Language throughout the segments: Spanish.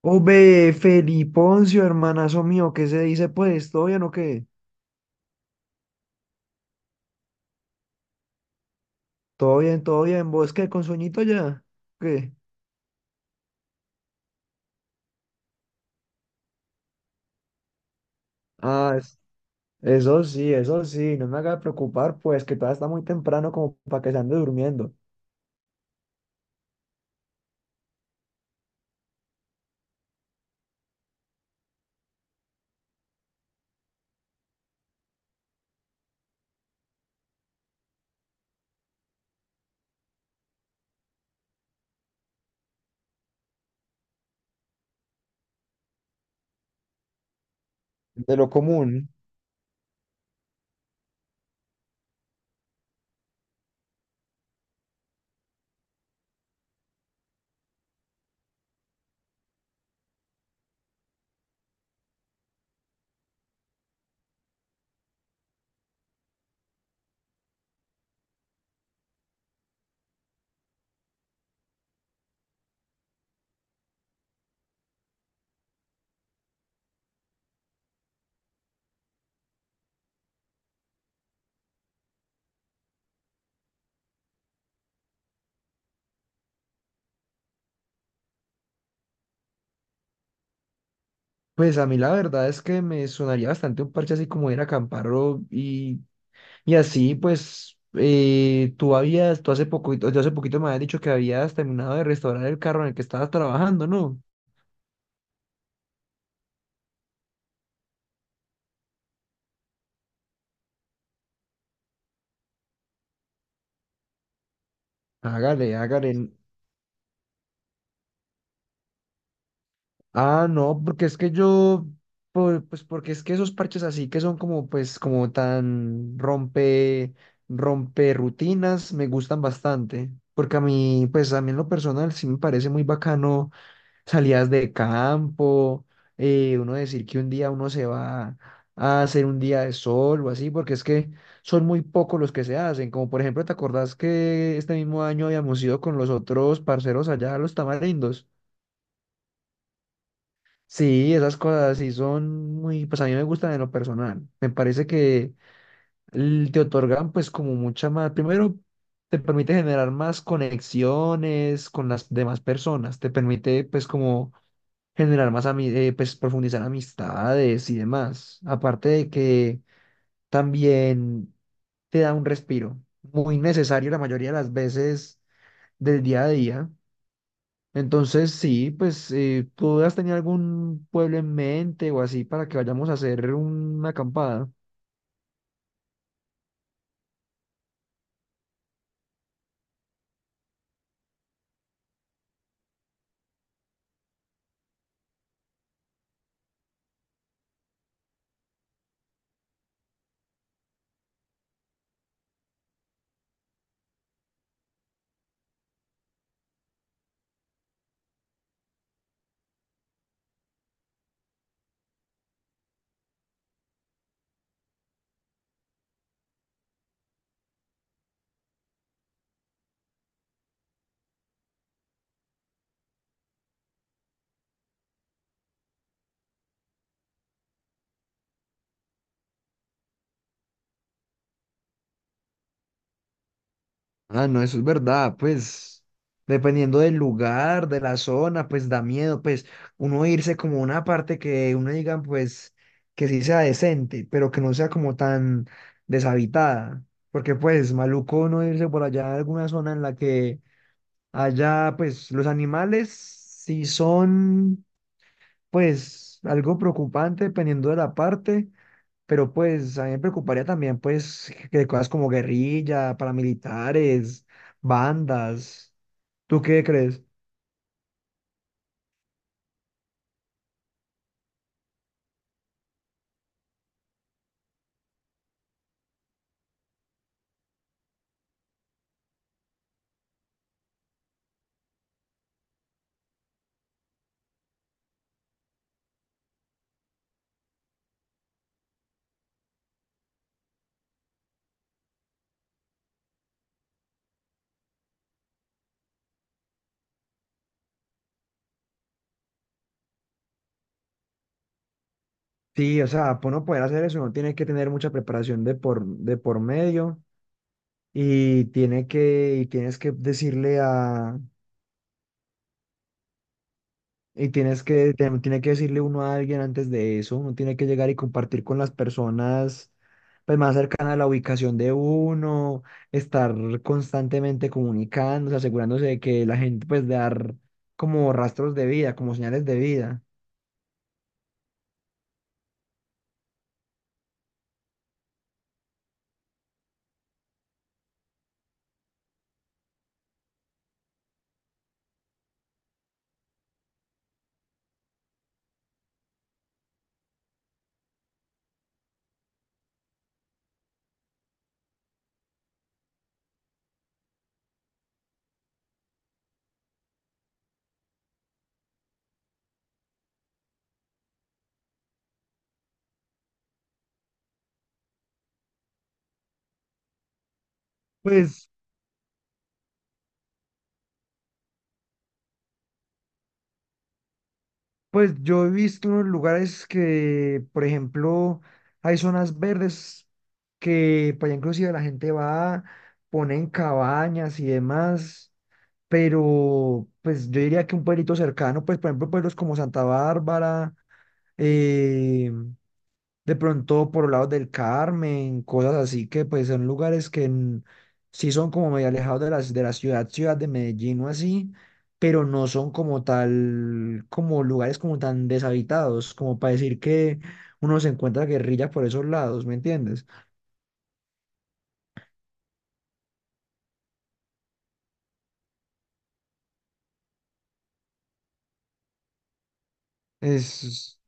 Hombre, Feliponcio, hermanazo mío, ¿qué se dice pues? ¿Todo bien o qué? Todo bien, todo bien. ¿Vos qué? ¿Con sueñito ya? ¿Qué? Ah, eso sí, eso sí. No me haga preocupar, pues, que todavía está muy temprano como para que se ande durmiendo. De lo común. Pues a mí la verdad es que me sonaría bastante un parche así como ir a acampar y así, pues, tú habías, tú hace poquito, yo hace poquito me habías dicho que habías terminado de restaurar el carro en el que estabas trabajando, ¿no? Hágale, hágale. Ah, no, porque es que yo, pues porque es que esos parches así que son como, pues, como tan rompe rutinas, me gustan bastante. Porque a mí, pues a mí en lo personal sí me parece muy bacano salidas de campo, uno decir que un día uno se va a hacer un día de sol o así, porque es que son muy pocos los que se hacen. Como por ejemplo, ¿te acordás que este mismo año habíamos ido con los otros parceros allá a los tamarindos? Sí, esas cosas sí son muy, pues a mí me gustan en lo personal. Me parece que te otorgan pues como mucha más, primero te permite generar más conexiones con las demás personas, te permite pues como generar más, pues profundizar amistades y demás. Aparte de que también te da un respiro muy necesario la mayoría de las veces del día a día. Entonces, sí, pues, ¿tú has tenido algún pueblo en mente o así para que vayamos a hacer una acampada? Ah, no, eso es verdad, pues dependiendo del lugar, de la zona, pues da miedo, pues uno irse como a una parte que uno diga, pues que sí sea decente, pero que no sea como tan deshabitada, porque pues maluco uno irse por allá a alguna zona en la que haya, pues los animales sí son pues algo preocupante dependiendo de la parte, pero pues a mí me preocuparía también pues que cosas como guerrilla, paramilitares, bandas. ¿Tú qué crees? Sí, o sea, para uno poder hacer eso, uno tiene que tener mucha preparación de por medio y tiene que, y tienes que decirle a, tiene que decirle uno a alguien antes de eso, uno tiene que llegar y compartir con las personas pues, más cercanas a la ubicación de uno, estar constantemente comunicándose, asegurándose de que la gente pues dar como rastros de vida, como señales de vida. Pues, pues yo he visto unos lugares que, por ejemplo, hay zonas verdes que pues ya inclusive la gente va, ponen cabañas y demás, pero pues yo diría que un pueblito cercano, pues por ejemplo pueblos como Santa Bárbara, eh, de pronto por lados del Carmen, cosas así que pues son lugares que sí son como medio alejados de las de la ciudad, ciudad de Medellín o así, pero no son como tal, como lugares como tan deshabitados, como para decir que uno se encuentra guerrilla por esos lados, ¿me entiendes? Es...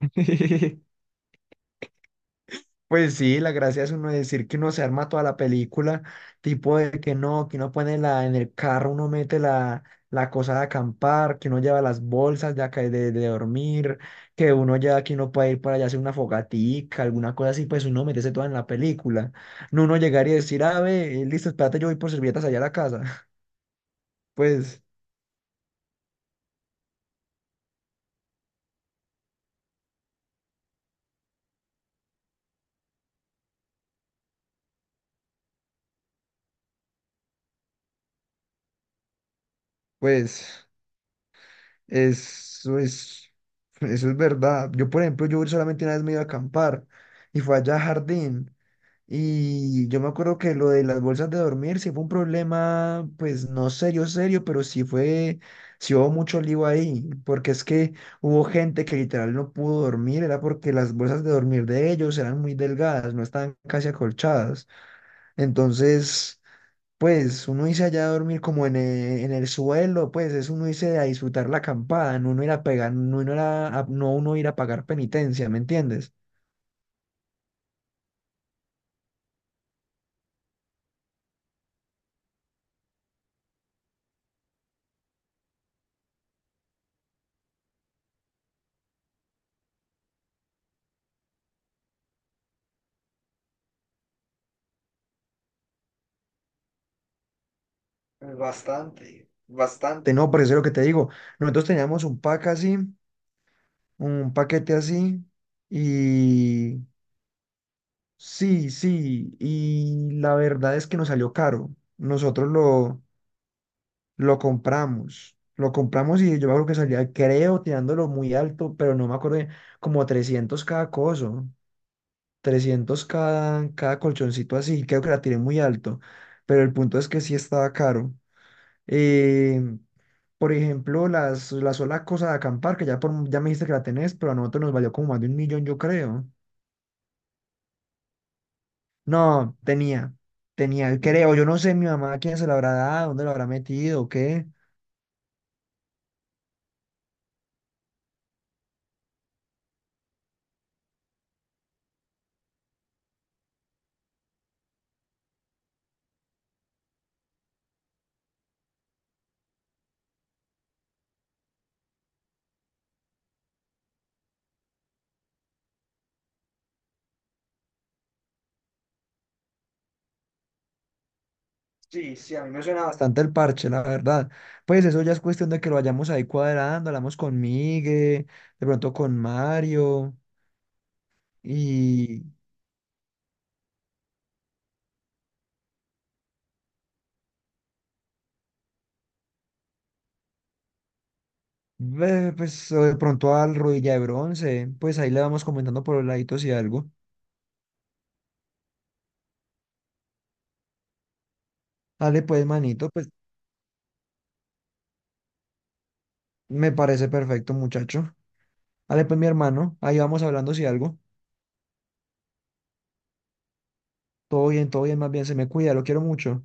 Pues sí, la gracia es uno decir que uno se arma toda la película, tipo de que no, que uno pone la, en el carro, uno mete la, la cosa de acampar, que uno lleva las bolsas de, de dormir, que uno ya, que uno puede ir para allá a hacer una fogatica, alguna cosa así, pues uno meterse toda en la película. No uno llegar y decir, ah, ve, listo, espérate, yo voy por servilletas allá a la casa. Pues, pues. Eso es, eso es verdad. Yo, por ejemplo, yo solamente una vez me iba a acampar y fue allá a Jardín. Y yo me acuerdo que lo de las bolsas de dormir sí fue un problema, pues no serio, serio, pero sí hubo mucho lío ahí, porque es que hubo gente que literal no pudo dormir, era porque las bolsas de dormir de ellos eran muy delgadas, no estaban casi acolchadas. Entonces... Pues uno irse allá a dormir como en el suelo, pues es uno irse a disfrutar la acampada, no uno ir a pegar, no uno ir no uno ir a pagar penitencia, ¿me entiendes? Bastante, bastante. No, por eso es lo que te digo. Nosotros teníamos un pack así, un paquete así, y sí, sí, y la verdad es que nos salió caro. Nosotros lo, Lo compramos. Lo compramos y yo me acuerdo que salía, creo, tirándolo muy alto, pero no me acuerdo, bien, como 300 cada coso, 300 cada colchoncito así. Creo que la tiré muy alto, pero el punto es que sí estaba caro. Eh, por ejemplo, la sola cosa de acampar, que ya, por, ya me dijiste que la tenés, pero a nosotros nos valió como más de 1.000.000, yo creo. No, creo, yo no sé mi mamá quién se la habrá dado, dónde la habrá metido, o qué. Sí, sí, a mí me suena bastante el parche, la verdad. Pues eso ya es cuestión de que lo vayamos ahí cuadrando, hablamos con Migue, de pronto con Mario y ve, pues o de pronto al Rodilla de Bronce, pues ahí le vamos comentando por los laditos y algo. Dale pues, manito, pues me parece perfecto, muchacho. Dale pues, mi hermano, ahí vamos hablando si algo. Todo bien, más bien, se me cuida, lo quiero mucho.